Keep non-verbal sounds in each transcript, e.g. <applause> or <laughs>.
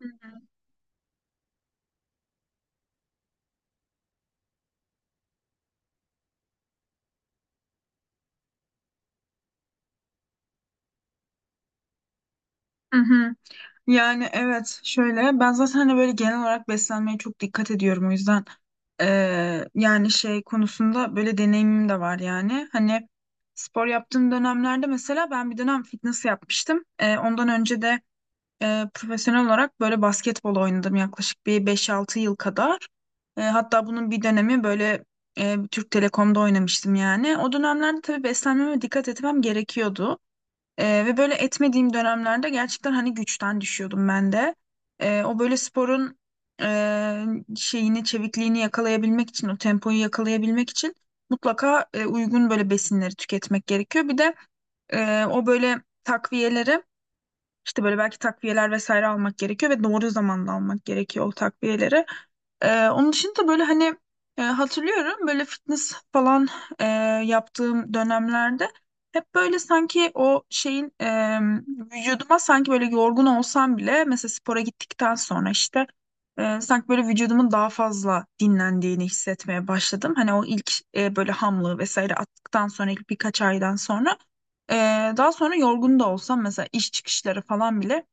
Hı hı. Yani evet şöyle ben zaten hani böyle genel olarak beslenmeye çok dikkat ediyorum, o yüzden yani şey konusunda böyle deneyimim de var yani hani spor yaptığım dönemlerde mesela ben bir dönem fitness yapmıştım. Ondan önce de profesyonel olarak böyle basketbol oynadım yaklaşık bir 5-6 yıl kadar. Hatta bunun bir dönemi böyle Türk Telekom'da oynamıştım. Yani o dönemlerde tabii beslenmeme dikkat etmem gerekiyordu. Ve böyle etmediğim dönemlerde gerçekten hani güçten düşüyordum ben de. O böyle sporun e, şeyini, çevikliğini yakalayabilmek için, o tempoyu yakalayabilmek için mutlaka uygun böyle besinleri tüketmek gerekiyor. Bir de o böyle takviyeleri işte böyle belki takviyeler vesaire almak gerekiyor ve doğru zamanda almak gerekiyor o takviyeleri. Onun dışında böyle hani hatırlıyorum böyle fitness falan e, yaptığım dönemlerde hep böyle sanki o şeyin vücuduma sanki böyle yorgun olsam bile mesela spora gittikten sonra işte sanki böyle vücudumun daha fazla dinlendiğini hissetmeye başladım. Hani o ilk böyle hamlığı vesaire attıktan sonra ilk birkaç aydan sonra. Ee, Daha sonra yorgun da olsam mesela iş çıkışları falan bile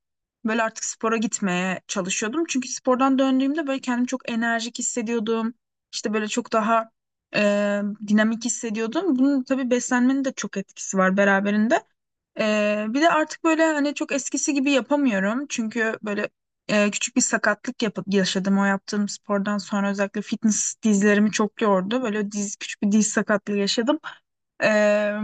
böyle artık spora gitmeye çalışıyordum. Çünkü spordan döndüğümde böyle kendimi çok enerjik hissediyordum. İşte böyle çok daha e, dinamik hissediyordum. Bunun tabii beslenmenin de çok etkisi var beraberinde. Bir de artık böyle hani çok eskisi gibi yapamıyorum. Çünkü böyle küçük bir sakatlık yaşadım o yaptığım spordan sonra, özellikle fitness dizlerimi çok yordu. Böyle diz küçük bir diz sakatlığı yaşadım. Eee,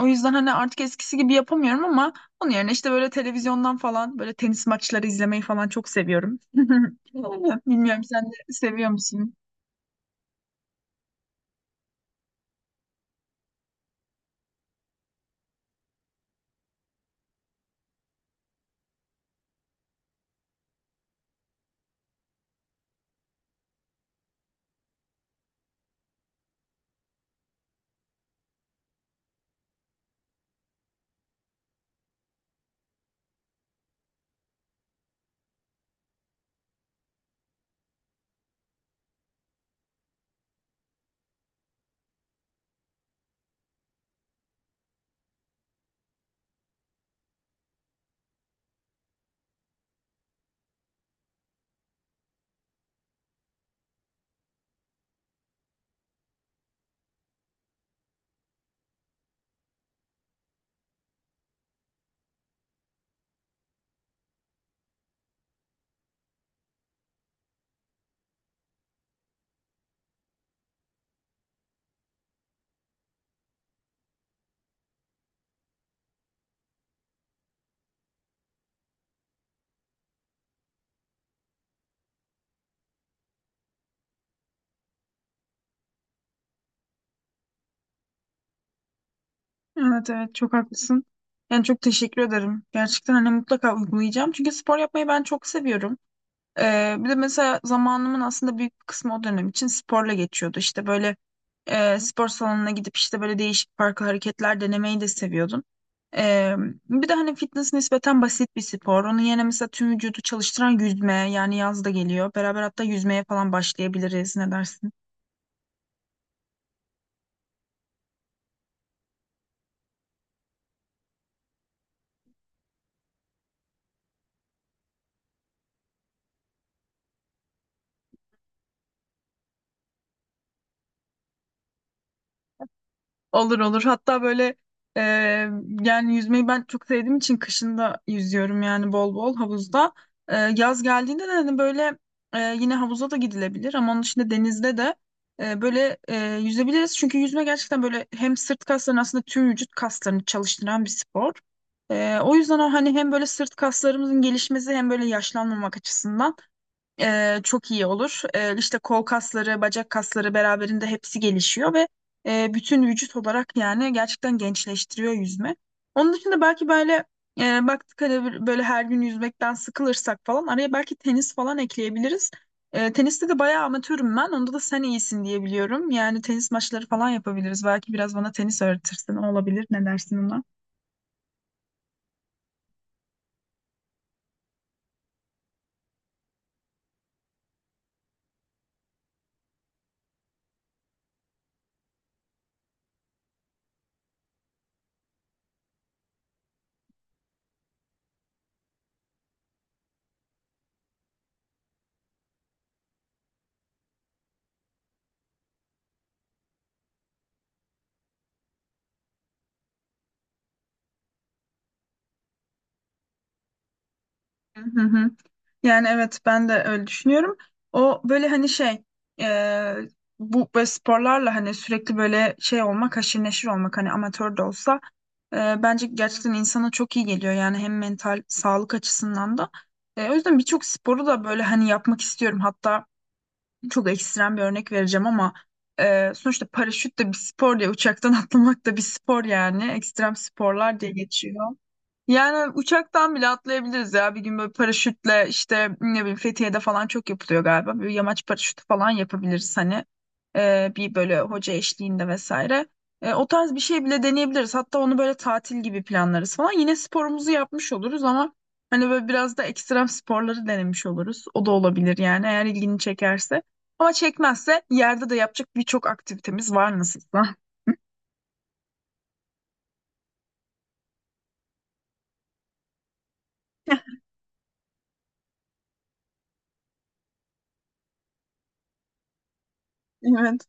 O yüzden hani artık eskisi gibi yapamıyorum ama onun yerine işte böyle televizyondan falan böyle tenis maçları izlemeyi falan çok seviyorum. <laughs> Bilmiyorum, sen de seviyor musun? Evet, evet, çok haklısın. Yani çok teşekkür ederim. Gerçekten hani mutlaka uygulayacağım. Çünkü spor yapmayı ben çok seviyorum. Bir de mesela zamanımın aslında büyük bir kısmı o dönem için sporla geçiyordu. İşte böyle spor salonuna gidip işte böyle değişik farklı hareketler denemeyi de seviyordum. E, Bir de hani fitness nispeten basit bir spor. Onun yerine mesela tüm vücudu çalıştıran yüzme, yani yaz da geliyor. Beraber hatta yüzmeye falan başlayabiliriz. Ne dersin? Olur olur. Hatta böyle e, yani yüzmeyi ben çok sevdiğim için kışın da yüzüyorum yani bol bol havuzda. Yaz geldiğinde de hani böyle yine havuza da gidilebilir ama onun dışında denizde de böyle yüzebiliriz. Çünkü yüzme gerçekten böyle hem sırt kaslarını, aslında tüm vücut kaslarını çalıştıran bir spor. O yüzden o hani hem böyle sırt kaslarımızın gelişmesi hem böyle yaşlanmamak açısından çok iyi olur. İşte kol kasları, bacak kasları beraberinde hepsi gelişiyor ve bütün vücut olarak yani gerçekten gençleştiriyor yüzme. Onun dışında belki böyle baktık hani böyle her gün yüzmekten sıkılırsak falan araya belki tenis falan ekleyebiliriz. Teniste de bayağı amatörüm ben. Onda da sen iyisin diye biliyorum. Yani tenis maçları falan yapabiliriz. Belki biraz bana tenis öğretirsin. O olabilir. Ne dersin ona? Hı hı. Yani evet ben de öyle düşünüyorum. O böyle hani şey e, bu böyle sporlarla hani sürekli böyle şey olmak, haşir neşir olmak, hani amatör de olsa e, bence gerçekten insana çok iyi geliyor, yani hem mental sağlık açısından da. O yüzden birçok sporu da böyle hani yapmak istiyorum. Hatta çok ekstrem bir örnek vereceğim ama sonuçta paraşüt de bir spor diye uçaktan <laughs> atlamak da bir spor, yani ekstrem sporlar diye geçiyor. Yani uçaktan bile atlayabiliriz ya. Bir gün böyle paraşütle işte ne bileyim Fethiye'de falan çok yapılıyor galiba. Bir yamaç paraşütü falan yapabiliriz hani. Bir böyle hoca eşliğinde vesaire. O tarz bir şey bile deneyebiliriz. Hatta onu böyle tatil gibi planlarız falan. Yine sporumuzu yapmış oluruz ama hani böyle biraz da ekstrem sporları denemiş oluruz. O da olabilir yani, eğer ilgini çekerse. Ama çekmezse yerde de yapacak birçok aktivitemiz var nasılsa. <laughs> Evet.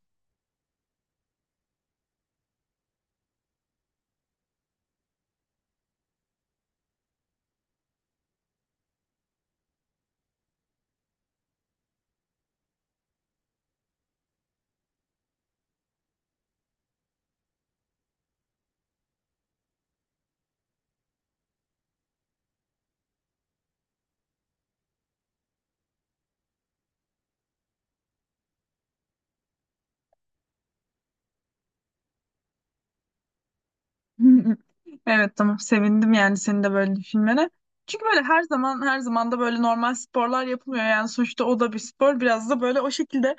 <laughs> Evet, tamam, sevindim yani senin de böyle düşünmene. Çünkü böyle her zaman her zaman da böyle normal sporlar yapılmıyor yani, sonuçta o da bir spor, biraz da böyle o şekilde.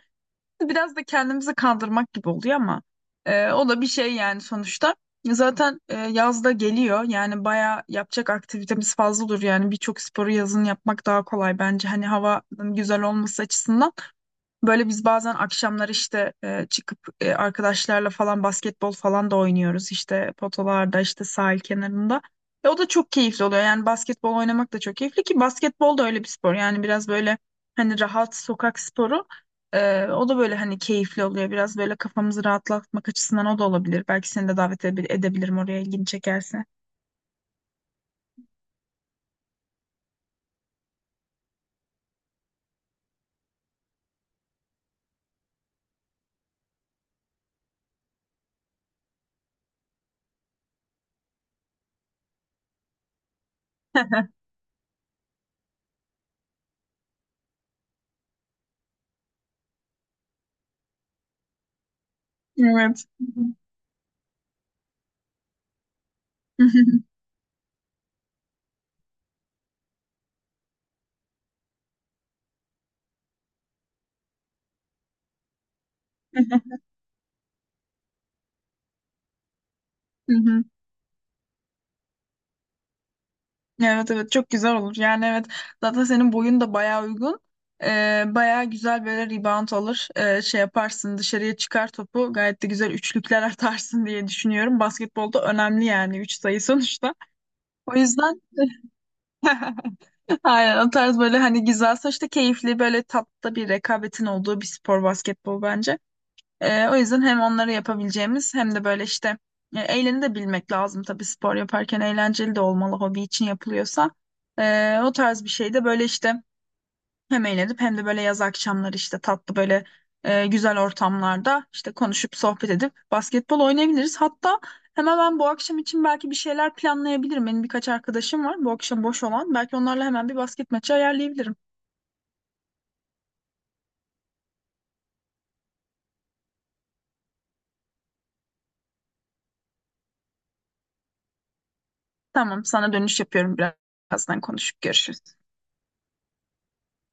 Biraz da kendimizi kandırmak gibi oluyor ama o da bir şey yani sonuçta. Zaten yaz da geliyor yani baya yapacak aktivitemiz fazla olur, yani birçok sporu yazın yapmak daha kolay bence, hani havanın güzel olması açısından. Böyle biz bazen akşamlar işte çıkıp arkadaşlarla falan basketbol falan da oynuyoruz işte potolarda, işte sahil kenarında. O da çok keyifli oluyor yani basketbol oynamak da çok keyifli, ki basketbol da öyle bir spor yani biraz böyle hani rahat sokak sporu. O da böyle hani keyifli oluyor. Biraz böyle kafamızı rahatlatmak açısından o da olabilir. Belki seni de davet edebilirim oraya, ilgini çekerse. <laughs> Evet. <laughs> Hı hı. Evet, evet, çok güzel olur. Yani evet, zaten senin boyun da bayağı uygun. Bayağı güzel böyle rebound alır. Şey yaparsın, dışarıya çıkar topu gayet de güzel üçlükler <laughs> atarsın diye düşünüyorum. Basketbolda önemli yani 3 sayı sonuçta. O yüzden <laughs> aynen o tarz böyle hani güzel, sonuçta keyifli böyle tatlı bir rekabetin olduğu bir spor basketbol bence. O yüzden hem onları yapabileceğimiz hem de böyle işte eğleni de bilmek lazım tabii, spor yaparken eğlenceli de olmalı hobi için yapılıyorsa. O tarz bir şey de böyle işte hem eğlenip hem de böyle yaz akşamları işte tatlı böyle güzel ortamlarda işte konuşup sohbet edip basketbol oynayabiliriz. Hatta hemen ben bu akşam için belki bir şeyler planlayabilirim. Benim birkaç arkadaşım var bu akşam boş olan. Belki onlarla hemen bir basket maçı ayarlayabilirim. Tamam, sana dönüş yapıyorum, birazdan konuşup görüşürüz.